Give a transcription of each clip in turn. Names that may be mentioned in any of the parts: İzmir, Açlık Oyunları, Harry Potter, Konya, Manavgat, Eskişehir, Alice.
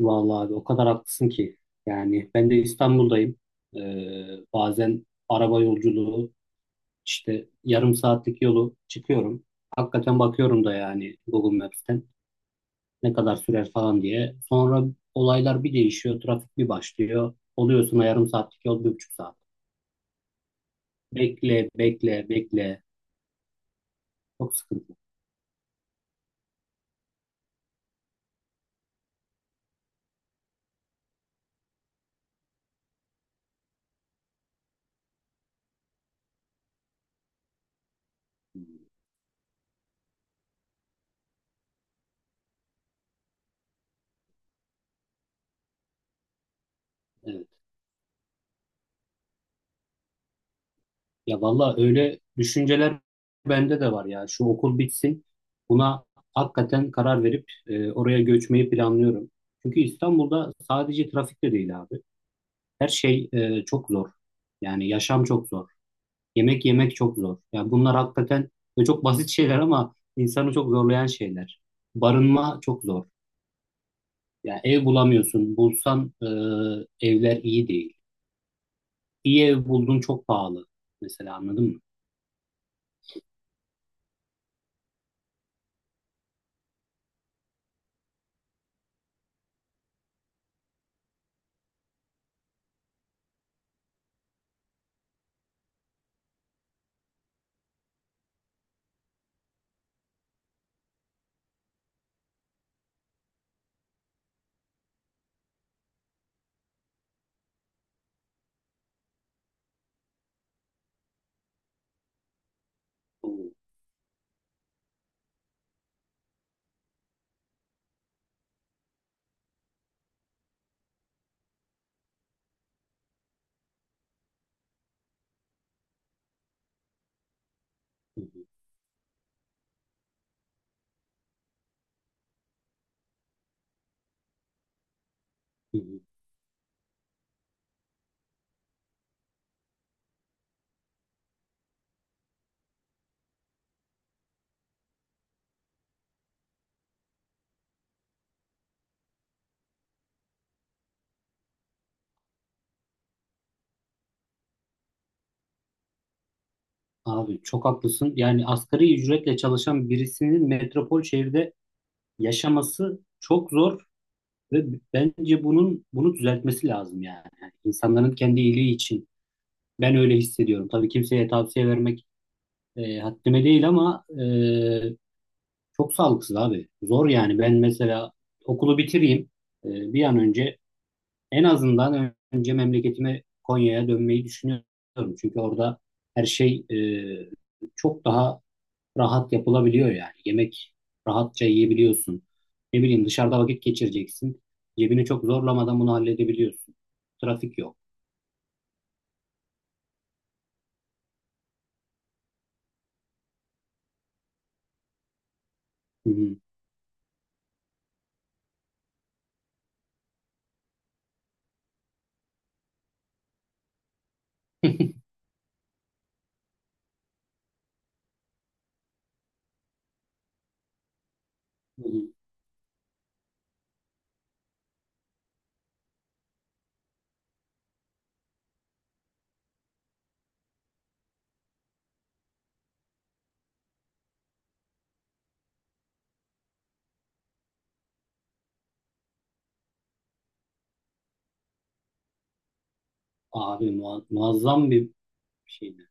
Vallahi abi o kadar haklısın ki. Yani ben de İstanbul'dayım. Ee, Bazen araba yolculuğu işte yarım saatlik yolu çıkıyorum. Hakikaten bakıyorum da yani Google Maps'ten ne kadar sürer falan diye. Sonra olaylar bir değişiyor, trafik bir başlıyor. Oluyorsun o yarım saatlik yol 1,5 saat. Bekle, bekle, bekle. Çok sıkıntı. Evet. Ya valla öyle düşünceler bende de var ya. Şu okul bitsin. Buna hakikaten karar verip oraya göçmeyi planlıyorum. Çünkü İstanbul'da sadece trafik de değil abi. Her şey çok zor. Yani yaşam çok zor. Yemek yemek çok zor. Yani bunlar hakikaten ve çok basit şeyler ama insanı çok zorlayan şeyler. Barınma çok zor. Yani ev bulamıyorsun. Bulsan evler iyi değil. İyi ev buldun çok pahalı. Mesela anladın mı? Oo. Hı hı, hı hı. Abi çok haklısın. Yani asgari ücretle çalışan birisinin metropol şehirde yaşaması çok zor ve bence bunu düzeltmesi lazım yani. Yani insanların kendi iyiliği için. Ben öyle hissediyorum. Tabii kimseye tavsiye vermek haddime değil ama çok sağlıksız abi. Zor yani. Ben mesela okulu bitireyim bir an önce en azından önce memleketime Konya'ya dönmeyi düşünüyorum. Çünkü orada her şey çok daha rahat yapılabiliyor yani. Yemek rahatça yiyebiliyorsun. Ne bileyim dışarıda vakit geçireceksin. Cebini çok zorlamadan bunu halledebiliyorsun. Trafik yok. Hı hı. Hı hı. Abi muazzam bir şeydi.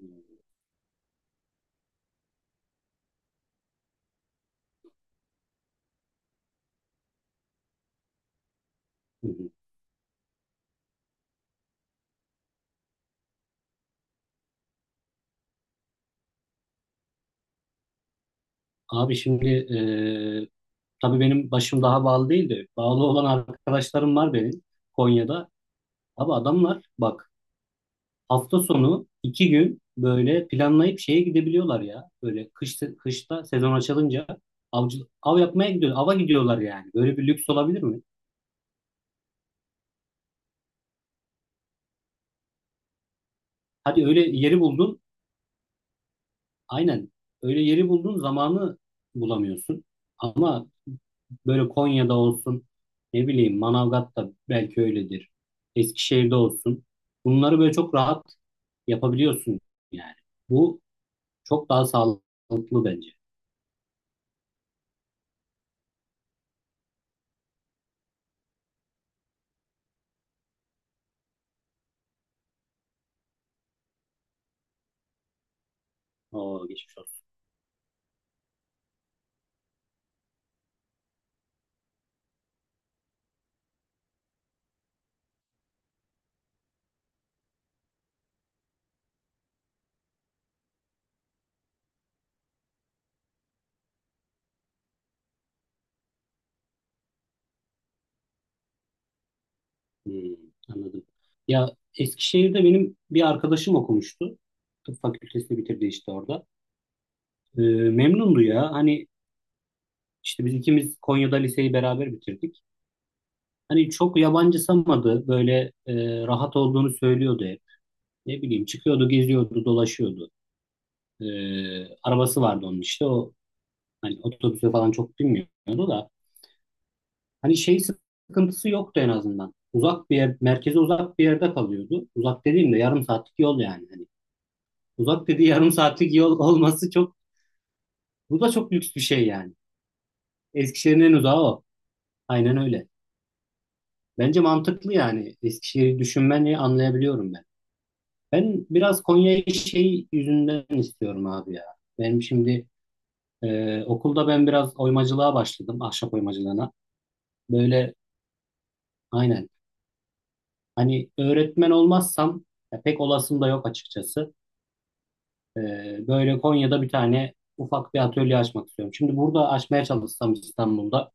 Hı hı. Abi şimdi tabii benim başım daha bağlı değildi. Bağlı olan arkadaşlarım var benim Konya'da. Abi adamlar bak hafta sonu 2 gün böyle planlayıp şeye gidebiliyorlar ya. Böyle kışta sezon açılınca av yapmaya gidiyor. Ava gidiyorlar yani. Böyle bir lüks olabilir mi? Hadi öyle yeri buldun. Aynen. Öyle yeri buldun zamanı bulamıyorsun. Ama böyle Konya'da olsun, ne bileyim Manavgat'ta belki öyledir. Eskişehir'de olsun. Bunları böyle çok rahat yapabiliyorsun yani. Bu çok daha sağlıklı bence. O geçmiş olsun. Hmm, anladım. Ya Eskişehir'de benim bir arkadaşım okumuştu. Tıp fakültesini bitirdi işte orada. Ee, Memnundu ya. Hani işte biz ikimiz Konya'da liseyi beraber bitirdik. Hani çok yabancısamadı. Böyle rahat olduğunu söylüyordu hep. Ne bileyim çıkıyordu, geziyordu, dolaşıyordu. Arabası vardı onun işte. O hani otobüse falan çok binmiyordu da. Hani şey sıkıntısı yoktu en azından. Uzak bir yer, merkeze uzak bir yerde kalıyordu. Uzak dediğimde yarım saatlik yol yani. Hani. Uzak dediği yarım saatlik yol olması çok, bu da çok lüks bir şey yani. Eskişehir'in en uzağı o. Aynen öyle. Bence mantıklı yani. Eskişehir'i düşünmeni anlayabiliyorum ben. Ben biraz Konya'yı şey yüzünden istiyorum abi ya. Benim şimdi okulda ben biraz oymacılığa başladım. Ahşap oymacılığına. Böyle aynen. Hani öğretmen olmazsam, ya pek olasım da yok açıkçası. E, Böyle Konya'da bir tane ufak bir atölye açmak istiyorum. Şimdi burada açmaya çalışsam İstanbul'da.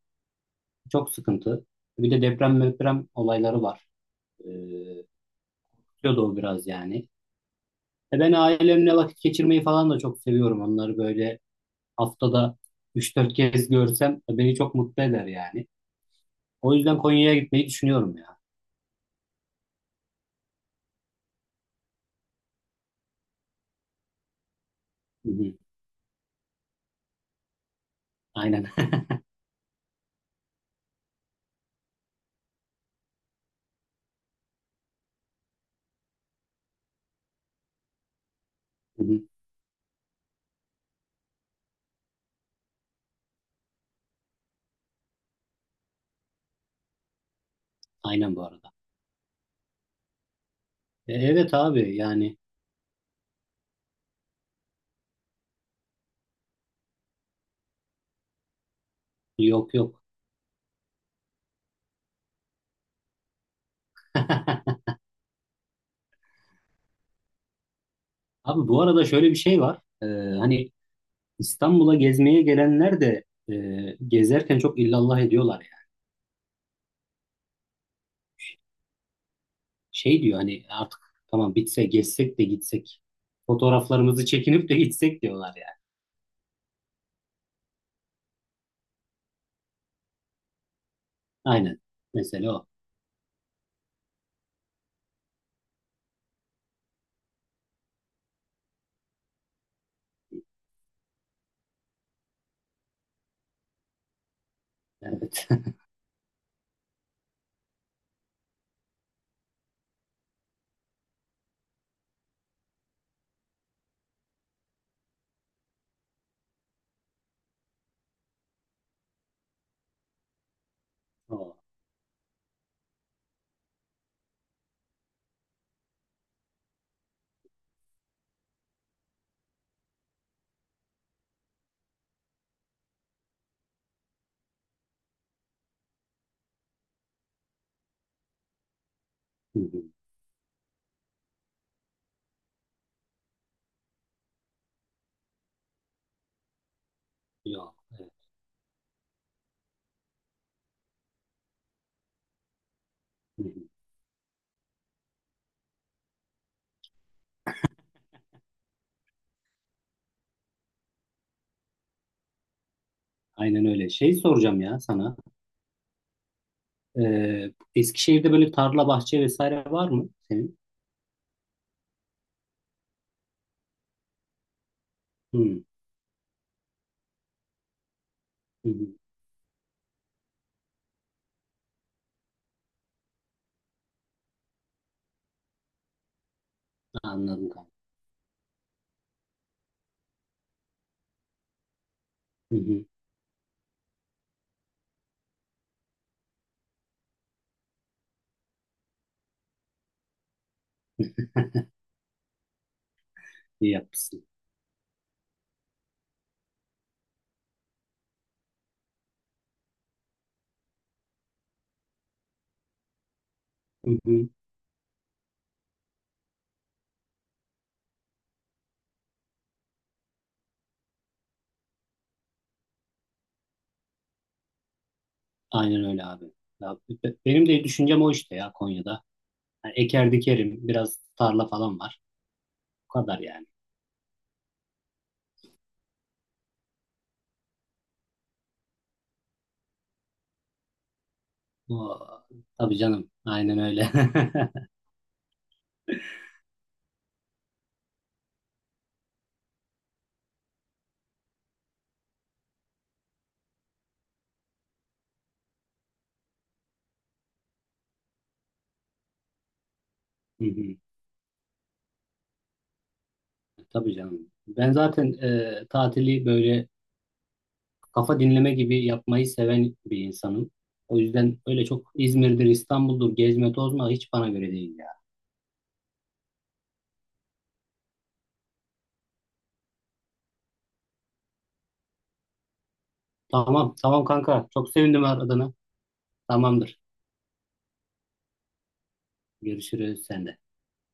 Çok sıkıntı. Bir de deprem olayları var. Ee, Tutuyordu o biraz yani. Ben ailemle vakit geçirmeyi falan da çok seviyorum. Onları böyle haftada 3-4 kez görsem beni çok mutlu eder yani. O yüzden Konya'ya gitmeyi düşünüyorum ya. Hı hı. Aynen. Hı hı. Aynen bu arada. Evet abi yani yok yok. Abi bu arada şöyle bir şey var. Hani İstanbul'a gezmeye gelenler de gezerken çok illallah ediyorlar, şey diyor, hani artık tamam bitse gezsek de gitsek. Fotoğraflarımızı çekinip de gitsek diyorlar yani. Aynen. Mesela o. Evet. O. Hı hı. Yok. Evet. Hı hı. Aynen öyle. Şey soracağım ya sana. Eskişehir'de böyle tarla, bahçe vesaire var mı senin? Hı. Hı hı. Anladım kanka. Hı hı. İyi yapmışsın. Hı hı. Aynen öyle abi. Ya, benim de düşüncem o işte ya, Konya'da. Yani eker dikerim. Biraz tarla falan var. Bu kadar yani. O, tabii canım. Aynen öyle. Hı hı. Tabii canım. Ben zaten tatili böyle kafa dinleme gibi yapmayı seven bir insanım. O yüzden öyle çok İzmir'dir, İstanbul'dur, gezme tozma hiç bana göre değil ya. Tamam, tamam kanka. Çok sevindim aradığına. Tamamdır. Görüşürüz sen de.